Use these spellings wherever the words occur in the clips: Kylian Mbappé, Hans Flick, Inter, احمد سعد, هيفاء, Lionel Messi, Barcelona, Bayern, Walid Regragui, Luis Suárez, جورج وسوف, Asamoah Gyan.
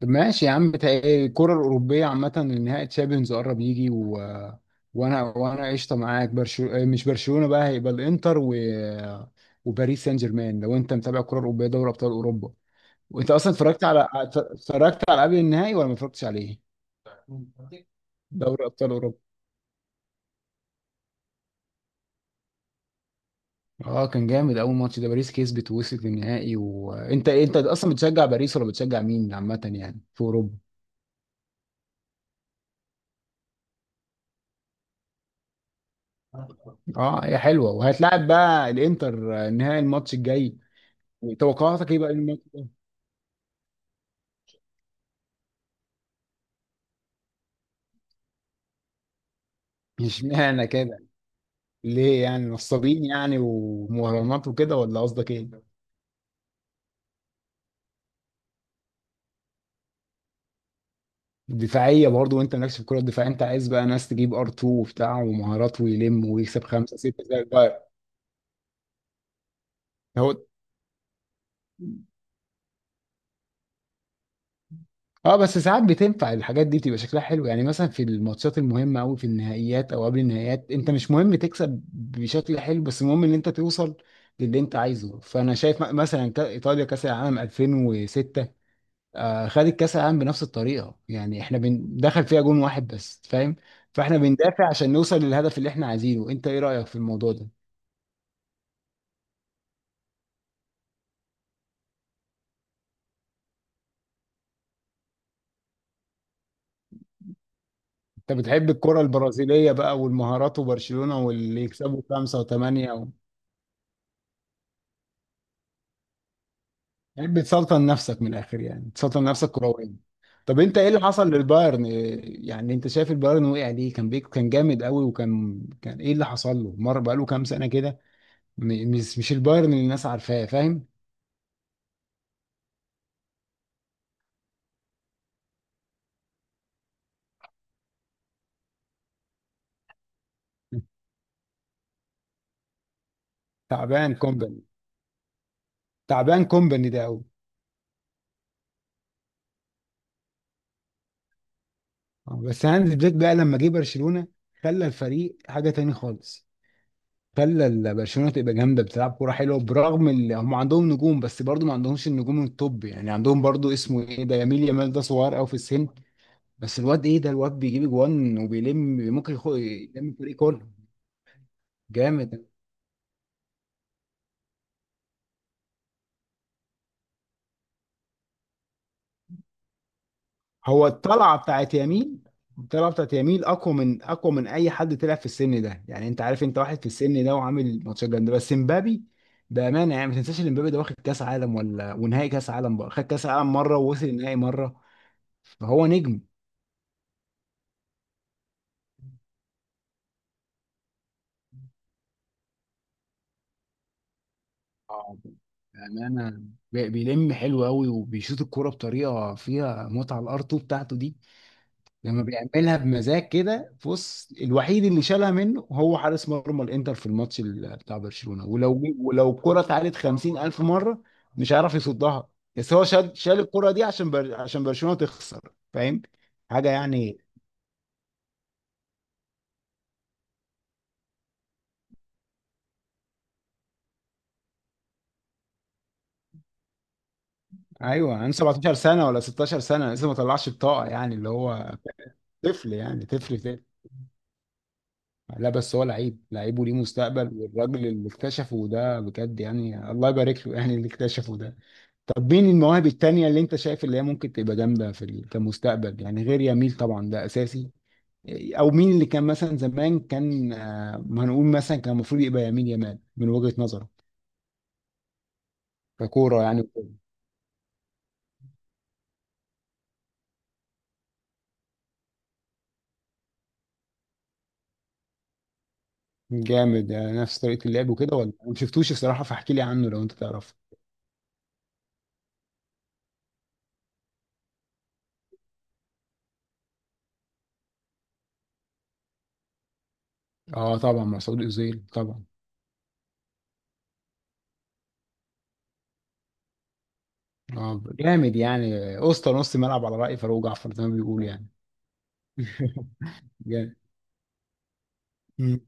طب ماشي يا عم. بتاع إيه، الكرة الأوروبية عامة. نهائي تشامبيونز قرب يجي وأنا قشطة معاك. برشلونة إيه، مش برشلونة بقى. هيبقى الإنتر وباريس سان جيرمان، لو أنت متابع الكرة الأوروبية، دوري أبطال أوروبا. وأنت أصلا اتفرجت على قبل النهائي، ولا ما اتفرجتش عليه؟ دوري أبطال أوروبا. أه، كان جامد أول ماتش ده. باريس كسبت ووصلت للنهائي. وأنت أصلا بتشجع باريس، ولا بتشجع مين عامة يعني في أوروبا؟ اه، هي حلوه، وهتلاعب بقى الانتر، آه، نهائي الماتش الجاي. توقعاتك ايه بقى للماتش ده؟ مش معنى كده ليه، يعني نصابين يعني ومهرجانات وكده، ولا قصدك ايه؟ دفاعيه برضه، وانت مالكش في الكره الدفاعيه. انت عايز بقى ناس تجيب ار 2 وبتاع ومهارات، ويلم ويكسب خمسه سته زي البايرن. هو اه، بس ساعات بتنفع الحاجات دي. بتبقى شكلها حلو يعني. مثلا في الماتشات المهمه قوي، في النهائيات او قبل النهائيات، انت مش مهم تكسب بشكل حلو، بس المهم ان انت توصل للي انت عايزه. فانا شايف مثلا ايطاليا كاس العالم 2006، آه، خدت كاس العالم بنفس الطريقه. يعني احنا دخل فيها جون واحد بس، فاهم. فاحنا بندافع عشان نوصل للهدف اللي احنا عايزينه. انت ايه رايك في الموضوع ده؟ انت بتحب الكره البرازيليه بقى والمهارات وبرشلونه واللي يكسبوا خمسه وثمانيه. يعني بتسلطن نفسك من الاخر، يعني بتسلطن نفسك كرويا. طب انت، ايه اللي حصل للبايرن يعني؟ انت شايف البايرن وقع ليه؟ كان بيك، كان جامد قوي، وكان ايه اللي حصل له؟ مره بقاله كام سنه كده، مش البايرن اللي الناس عارفاه، فاهم. تعبان كومباني. تعبان كومباني ده قوي. آه، بس هانز فليك بقى لما جه برشلونه، خلى الفريق حاجه تاني خالص. خلى برشلونه تبقى جامده، بتلعب كوره حلوه، برغم اللي هم عندهم نجوم، بس برضو ما عندهمش النجوم التوب. يعني عندهم برضو، اسمه ايه ده، يميل يامال ده صغير قوي في السن. بس الواد ايه ده، الواد بيجيب اجوان وبيلم. ممكن يلم الفريق كله. جامد. هو الطلعه بتاعت يمين، الطلعه بتاعت يمين اقوى من اي حد طلع في السن ده. يعني انت عارف، انت واحد في السن ده وعامل ماتشات جامده. بس مبابي بامانه، يعني ما تنساش ان مبابي ده واخد كاس عالم، ولا ونهائي كاس عالم بقى. خد كاس عالم مره ووصل النهائي مره، فهو نجم. اه، بأمانة، بيلم حلو قوي، وبيشوط الكورة بطريقة فيها متعة. الار 2 بتاعته دي لما بيعملها بمزاج كده، بص، الوحيد اللي شالها منه هو حارس مرمى الانتر في الماتش بتاع برشلونة. ولو الكرة اتعادت 50 ألف مرة مش هيعرف يصدها. بس هو شال الكرة دي عشان عشان برشلونة تخسر، فاهم، حاجة يعني. ايوه، عنده 17 سنة ولا 16 سنة لسه، ما طلعش الطاقة يعني. اللي هو طفل يعني، طفل طفل. لا بس هو لعيب، لعيب وليه مستقبل. والراجل اللي اكتشفه ده بجد يعني، الله يبارك له، يعني اللي اكتشفه ده. طب مين المواهب التانية اللي انت شايف اللي هي ممكن تبقى جامدة في كمستقبل يعني، غير يميل طبعا ده اساسي؟ او مين اللي كان مثلا زمان، كان، آه، ما هنقول مثلا، كان المفروض يبقى يميل يمال من وجهة نظرك؟ ككورة يعني وكده. جامد، آه، نفس طريقة اللعب وكده، ولا ما شفتوش الصراحة؟ فاحكي لي عنه لو انت تعرف. اه طبعا، مسعود اوزيل طبعا. اه، جامد يعني. اسطى نص ملعب على رأي فاروق جعفر زي ما بيقول يعني. جامد. مم.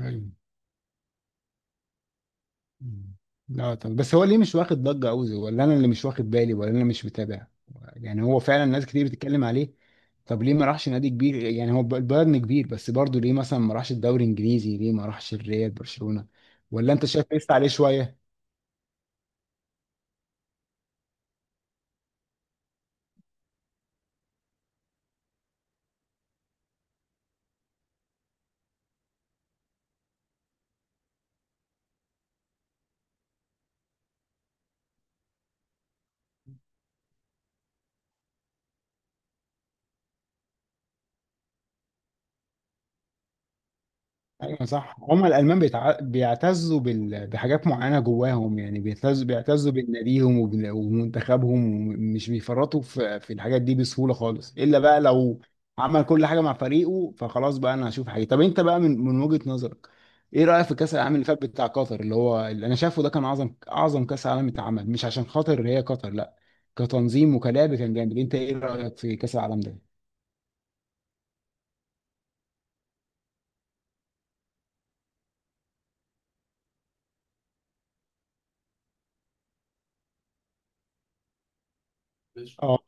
أيوة. مم. لا طب، بس هو ليه مش واخد ضجة أوي، ولا أنا اللي مش واخد بالي، ولا أنا مش متابع؟ يعني هو فعلا ناس كتير بتتكلم عليه. طب ليه ما راحش نادي كبير يعني؟ هو البايرن كبير بس برضه، ليه مثلا ما راحش الدوري الإنجليزي؟ ليه ما راحش الريال، برشلونة؟ ولا أنت شايف لسه عليه شوية؟ ايوه صح، هم الالمان بيعتزوا بحاجات معينه جواهم يعني، بيعتزوا بناديهم ومنتخبهم. مش بيفرطوا في الحاجات دي بسهوله خالص، الا بقى لو عمل كل حاجه مع فريقه، فخلاص بقى، انا هشوف حاجه. طب انت بقى، من وجهه نظرك، ايه رايك في كاس العالم اللي فات بتاع قطر؟ اللي هو اللي انا شايفه ده كان اعظم، اعظم كاس عالم اتعمل. مش عشان خاطر هي قطر، لا، كتنظيم وكلعب كان جامد. انت ايه رايك في كاس العالم ده؟ ماشي اه.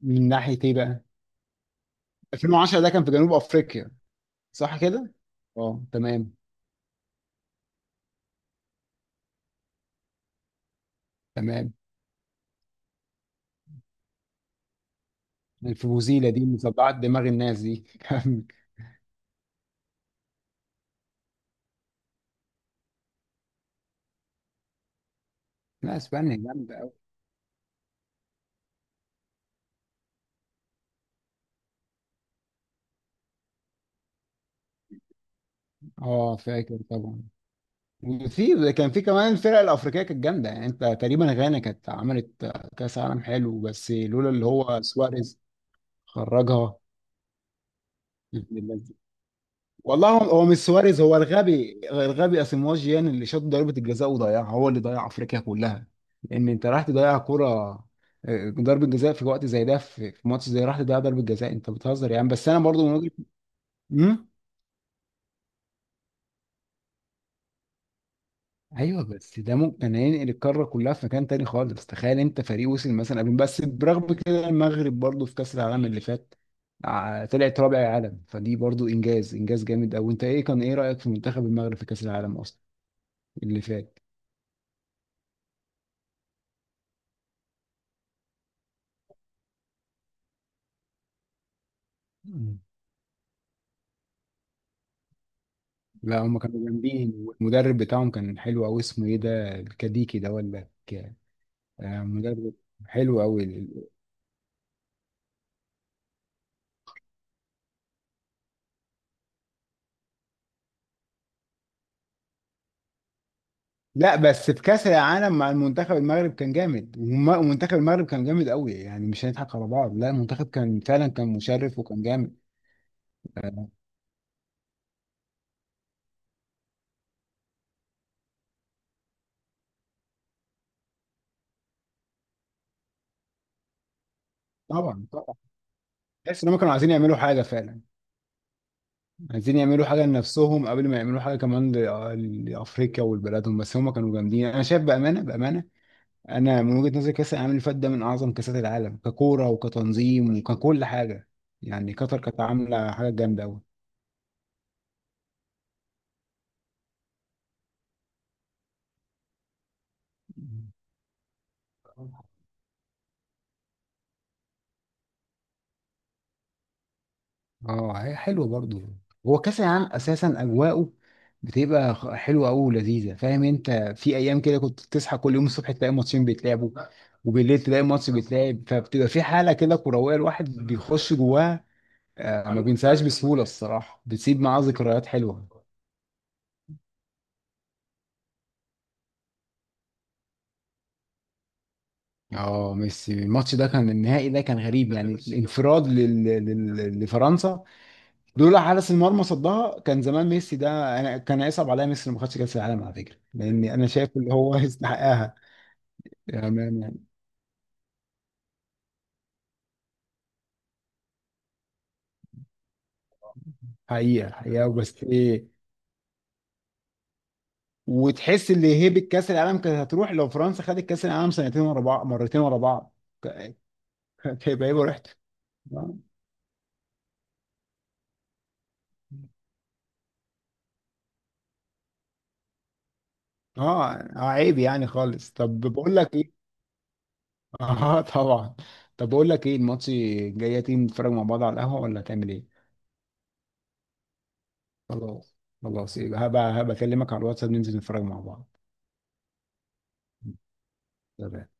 من ناحيه ايه بقى؟ 2010 ده كان في جنوب افريقيا، صح كده؟ اه تمام. تمام. الفوزيلة دي مصدعة دماغ الناس دي. لا، اسبانيا جامدة قوي. اه فاكر طبعا. وفي كان في كمان الفرق الافريقيه كانت جامده يعني. انت تقريبا غانا كانت عملت كاس عالم حلو، بس لولا اللي هو سواريز خرجها. والله، هو مش سواريز، هو الغبي، الغبي اسيمواجيان اللي شاط ضربة الجزاء وضيعها، هو اللي ضيع افريقيا كلها. لان انت راح تضيع كرة، آه، ضربة جزاء في وقت زي ده، في ماتش زي، راح تضيع ضربة جزاء، انت بتهزر يعني. بس انا برضو من وجهة. امم. ايوه بس ده ممكن ينقل القارة كلها في مكان تاني خالص. تخيل انت فريق وصل مثلا قبل، بس برغم كده، المغرب برضو في كأس العالم اللي فات، آه، طلعت رابع العالم، فدي برضو انجاز، انجاز جامد قوي. انت ايه، كان ايه رأيك في منتخب المغرب في كأس العالم اصلا اللي فات؟ لا هم كانوا جامدين، والمدرب بتاعهم كان حلو قوي، اسمه ايه ده الكديكي ده، ولا آه، مدرب حلو قوي. لا بس في كاس العالم مع المنتخب، المغرب كان جامد، ومنتخب المغرب كان جامد قوي يعني. مش هنضحك على بعض، لا المنتخب كان فعلا كان مشرف وكان جامد. آه، طبعا طبعا. تحس ان هم كانوا عايزين يعملوا حاجه فعلا. عايزين يعملوا حاجه لنفسهم، قبل ما يعملوا حاجه كمان لافريقيا ولبلادهم. بس هم كانوا جامدين انا شايف، بامانه بامانه. انا من وجهة نظري، كاس العالم اللي فات ده من اعظم كاسات العالم، ككوره وكتنظيم وككل حاجه. يعني قطر كانت عامله حاجه جامده قوي. اه هي حلوه برضو. هو كاس العالم اساسا اجواءه بتبقى حلوه قوي ولذيذه، فاهم انت؟ في ايام كده كنت تصحى كل يوم الصبح تلاقي ماتشين بيتلعبوا، وبالليل تلاقي ماتش بيتلعب. فبتبقى في حاله كده كرويه الواحد بيخش جواها. آه، ما بينساهاش بسهوله الصراحه. بتسيب معاه ذكريات حلوه. اه، ميسي الماتش ده، كان النهائي ده كان غريب، لا يعني. ميسي كان الانفراد لفرنسا. لولا حارس المرمى صدها، كان زمان ميسي ده. انا كان هيصعب عليا ميسي لو ما خدش كاس العالم على فكره، لان انا شايف اللي هو يستحقها. تمام يعني. حقيقه حقيقه، بس ايه، وتحس ان هيبه كاس العالم كانت هتروح لو فرنسا خدت كاس العالم سنتين ورا بعض، مرتين ورا بعض. ك- كانت هيبقى هيبه ريحته. اه، آه، عيب يعني خالص. طب بقول لك إيه، اه طبعا. طب بقول لك ايه، الماتش جايه، تيجي نتفرج مع بعض على القهوه، ولا تعمل ايه؟ خلاص. خلاص يبقى هبقى اكلمك على الواتساب ننزل نتفرج مع بعض. تمام.